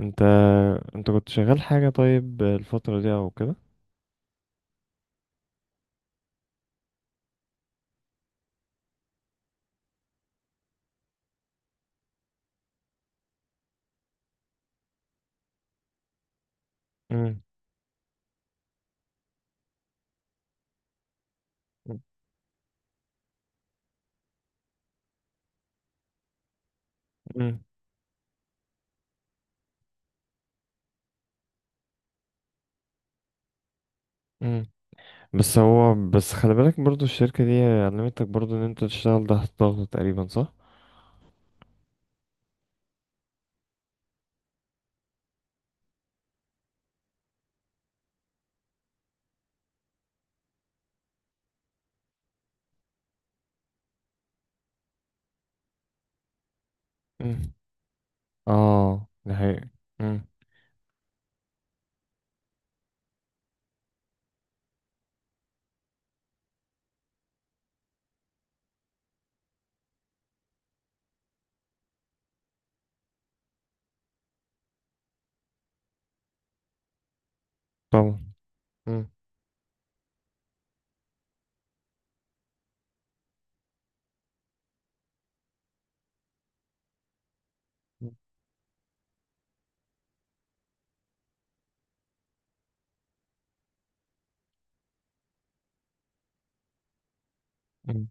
انت انت كنت شغال حاجة؟ طيب الفترة دي او كده. مم. مم. مم. بس خلي بالك برضو، الشركة دي علمتك برضو ان انت تشتغل تحت ضغط تقريبا، صح؟ مم. اه، ده حقيقي. مم. طبعا. مم. مم.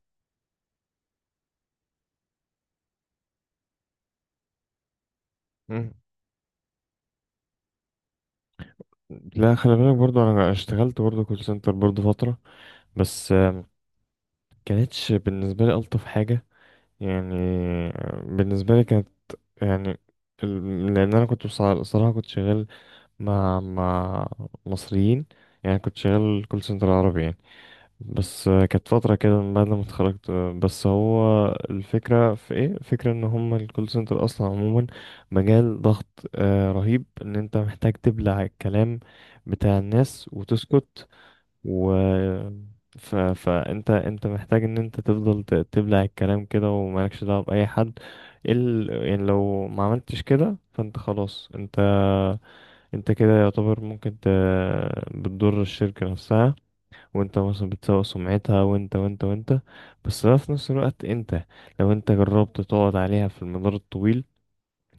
مم. لا، خلي بالك برضو، انا اشتغلت برضو كول سنتر برضو فترة. بس كانتش بالنسبة لي الطف حاجة. يعني، بالنسبة لي كانت، يعني، لان انا كنت بصراحة كنت شغال مع مصريين. يعني كنت شغال كول سنتر عربي يعني. بس كانت فترة كده من بعد ما اتخرجت. بس هو الفكرة في ايه؟ الفكرة ان هم الكول سنتر اصلا عموما مجال ضغط رهيب. ان انت محتاج تبلع الكلام بتاع الناس وتسكت. و فانت محتاج ان انت تفضل تبلع الكلام كده ومالكش دعوة بأي حد. ايه يعني لو ما عملتش كده، فانت خلاص، انت كده يعتبر ممكن بتضر الشركة نفسها، وانت مثلا بتسوق سمعتها وانت وانت وانت. بس ده في نفس الوقت، لو انت جربت تقعد عليها في المدار الطويل،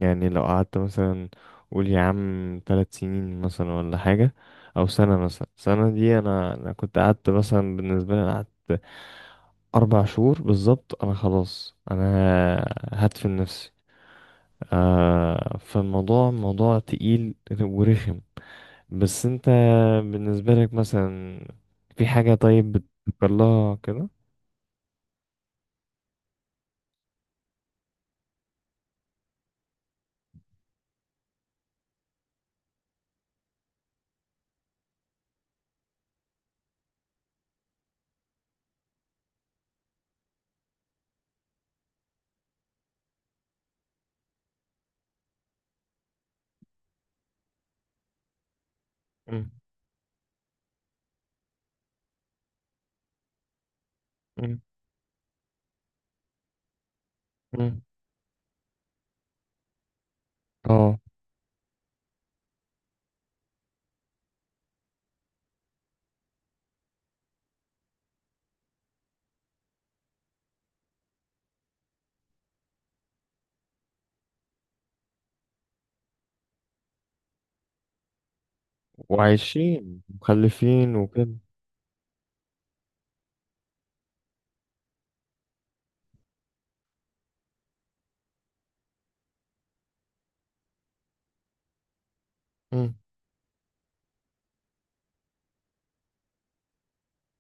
يعني لو قعدت مثلا، قول يا عم 3 سنين مثلا ولا حاجة، أو سنة. مثلا سنة دي، أنا، كنت قعدت مثلا. بالنسبة لي أنا قعدت 4 شهور بالظبط. أنا خلاص أنا هدفن نفسي. آه، فالموضوع موضوع تقيل ورخم. بس أنت بالنسبة لك مثلا، في حاجة طيب بتفكر لها كده؟ مم. مم. مم. اه، وعايشين مخلفين وكده. مم.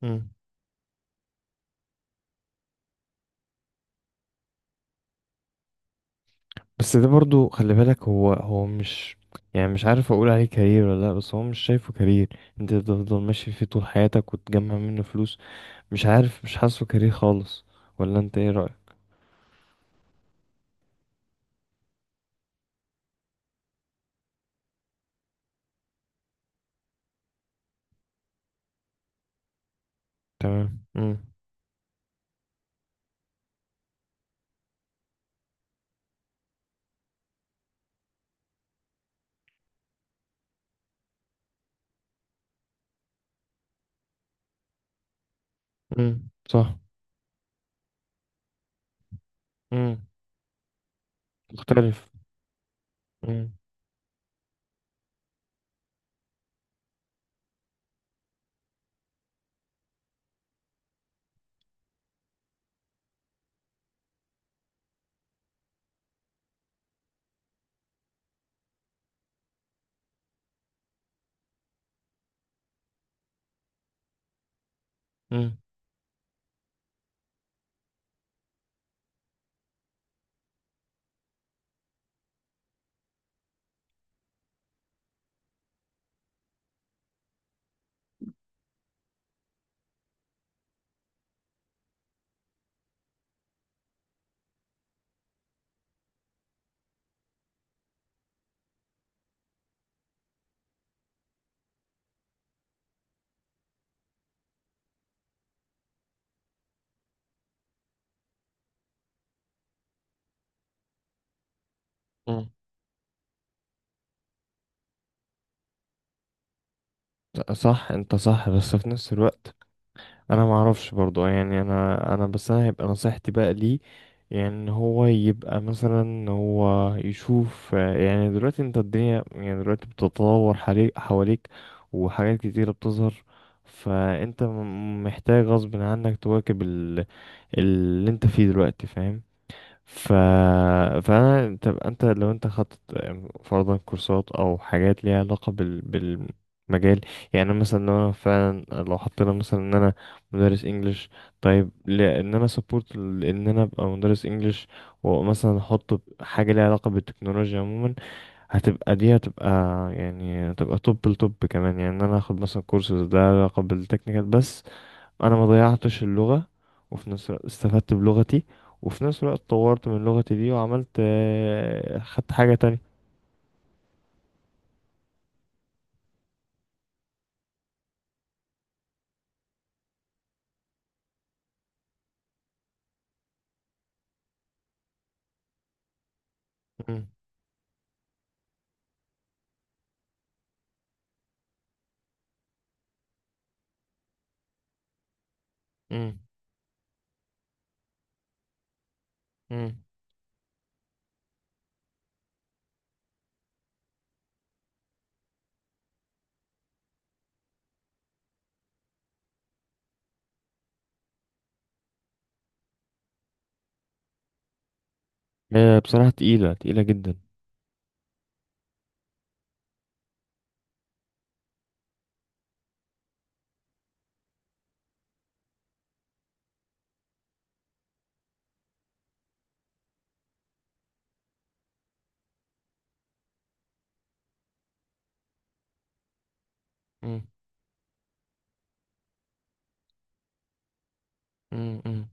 مم. بس ده برضو خلي بالك، هو مش، يعني مش عارف اقول عليه كارير ولا لا. بس هو مش شايفه كارير. انت تفضل ماشي فيه طول حياتك وتجمع منه فلوس؟ مش عارف، مش حاسه كارير خالص. ولا انت ايه رأيك؟ تمام. امم. امم. صح. امم. مختلف. امم. امم. امم. صح، انت صح. بس في نفس الوقت، انا ما اعرفش برضو. يعني انا، بس انا هيبقى نصيحتي بقى ليه، يعني إن هو يبقى مثلا، إن هو يشوف، يعني دلوقتي انت الدنيا، يعني دلوقتي بتتطور حواليك، وحاجات كتيرة بتظهر. فانت محتاج غصب عنك تواكب اللي انت فيه دلوقتي، فاهم؟ ف فانا تبقى انت، لو انت خدت يعني فرضا كورسات او حاجات ليها علاقه بالمجال. يعني أنا مثلا، لو انا فعلا، لو حطينا مثلا ان انا مدرس انجليش، طيب لان انا سبورت ان انا ابقى مدرس انجليش، ومثلا احط حاجه ليها علاقه بالتكنولوجيا عموما، هتبقى دي، هتبقى يعني، هتبقى توب التوب كمان. يعني ان انا اخد مثلا كورس ده علاقه بالتكنيكال، بس انا ما ضيعتش اللغة، وفي نفس الوقت استفدت بلغتي، وفي نفس الوقت طورت من لغتي دي وعملت، خدت حاجة تانية. مم. مم. مم. هي بصراحة تقيلة تقيلة جدا. مم. مم. مم.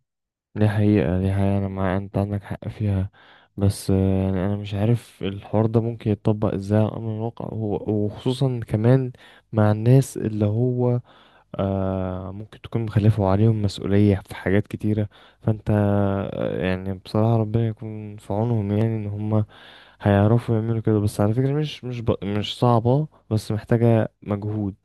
دي حقيقة، دي حقيقة. أنا مع أنت، عندك حق فيها. بس يعني أنا مش عارف الحوار ده ممكن يتطبق إزاي على أمر الواقع، وخصوصا كمان مع الناس اللي هو، ممكن تكون مخلفة عليهم مسؤولية في حاجات كتيرة. فانت، يعني بصراحة ربنا يكون في عونهم. يعني ان هم هيعرفوا يعملوا كده؟ بس على فكرة، مش مش صعبة، بس محتاجة مجهود.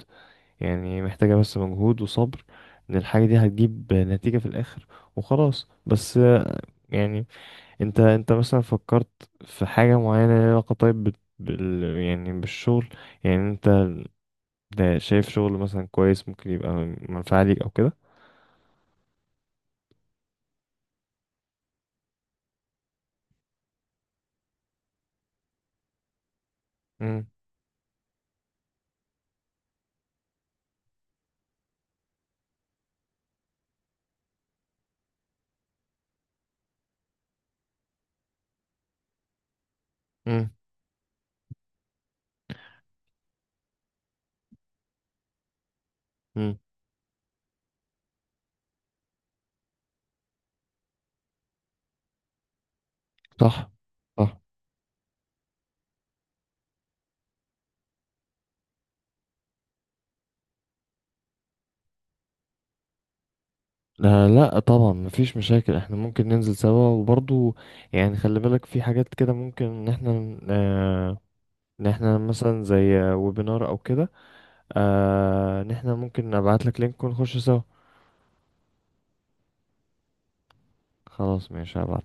يعني محتاجة بس مجهود وصبر، ان الحاجة دي هتجيب نتيجة في الاخر، وخلاص. بس يعني، انت مثلا فكرت في حاجة معينة ليها علاقة طيب يعني بالشغل؟ يعني انت ده شايف شغل مثلا كويس ممكن يبقى منفعة ليك او كده؟ مم. مم. مم. صح. صح. لا لا، طبعا مفيش مشاكل. احنا ممكن ننزل سوا، وبرضو يعني خلي بالك في حاجات كده، ممكن ان احنا، آه ان احنا مثلا زي ويبينار او كده. آه، ان احنا ممكن ابعت لك لينك ونخش سوا. خلاص ماشي، هبعت.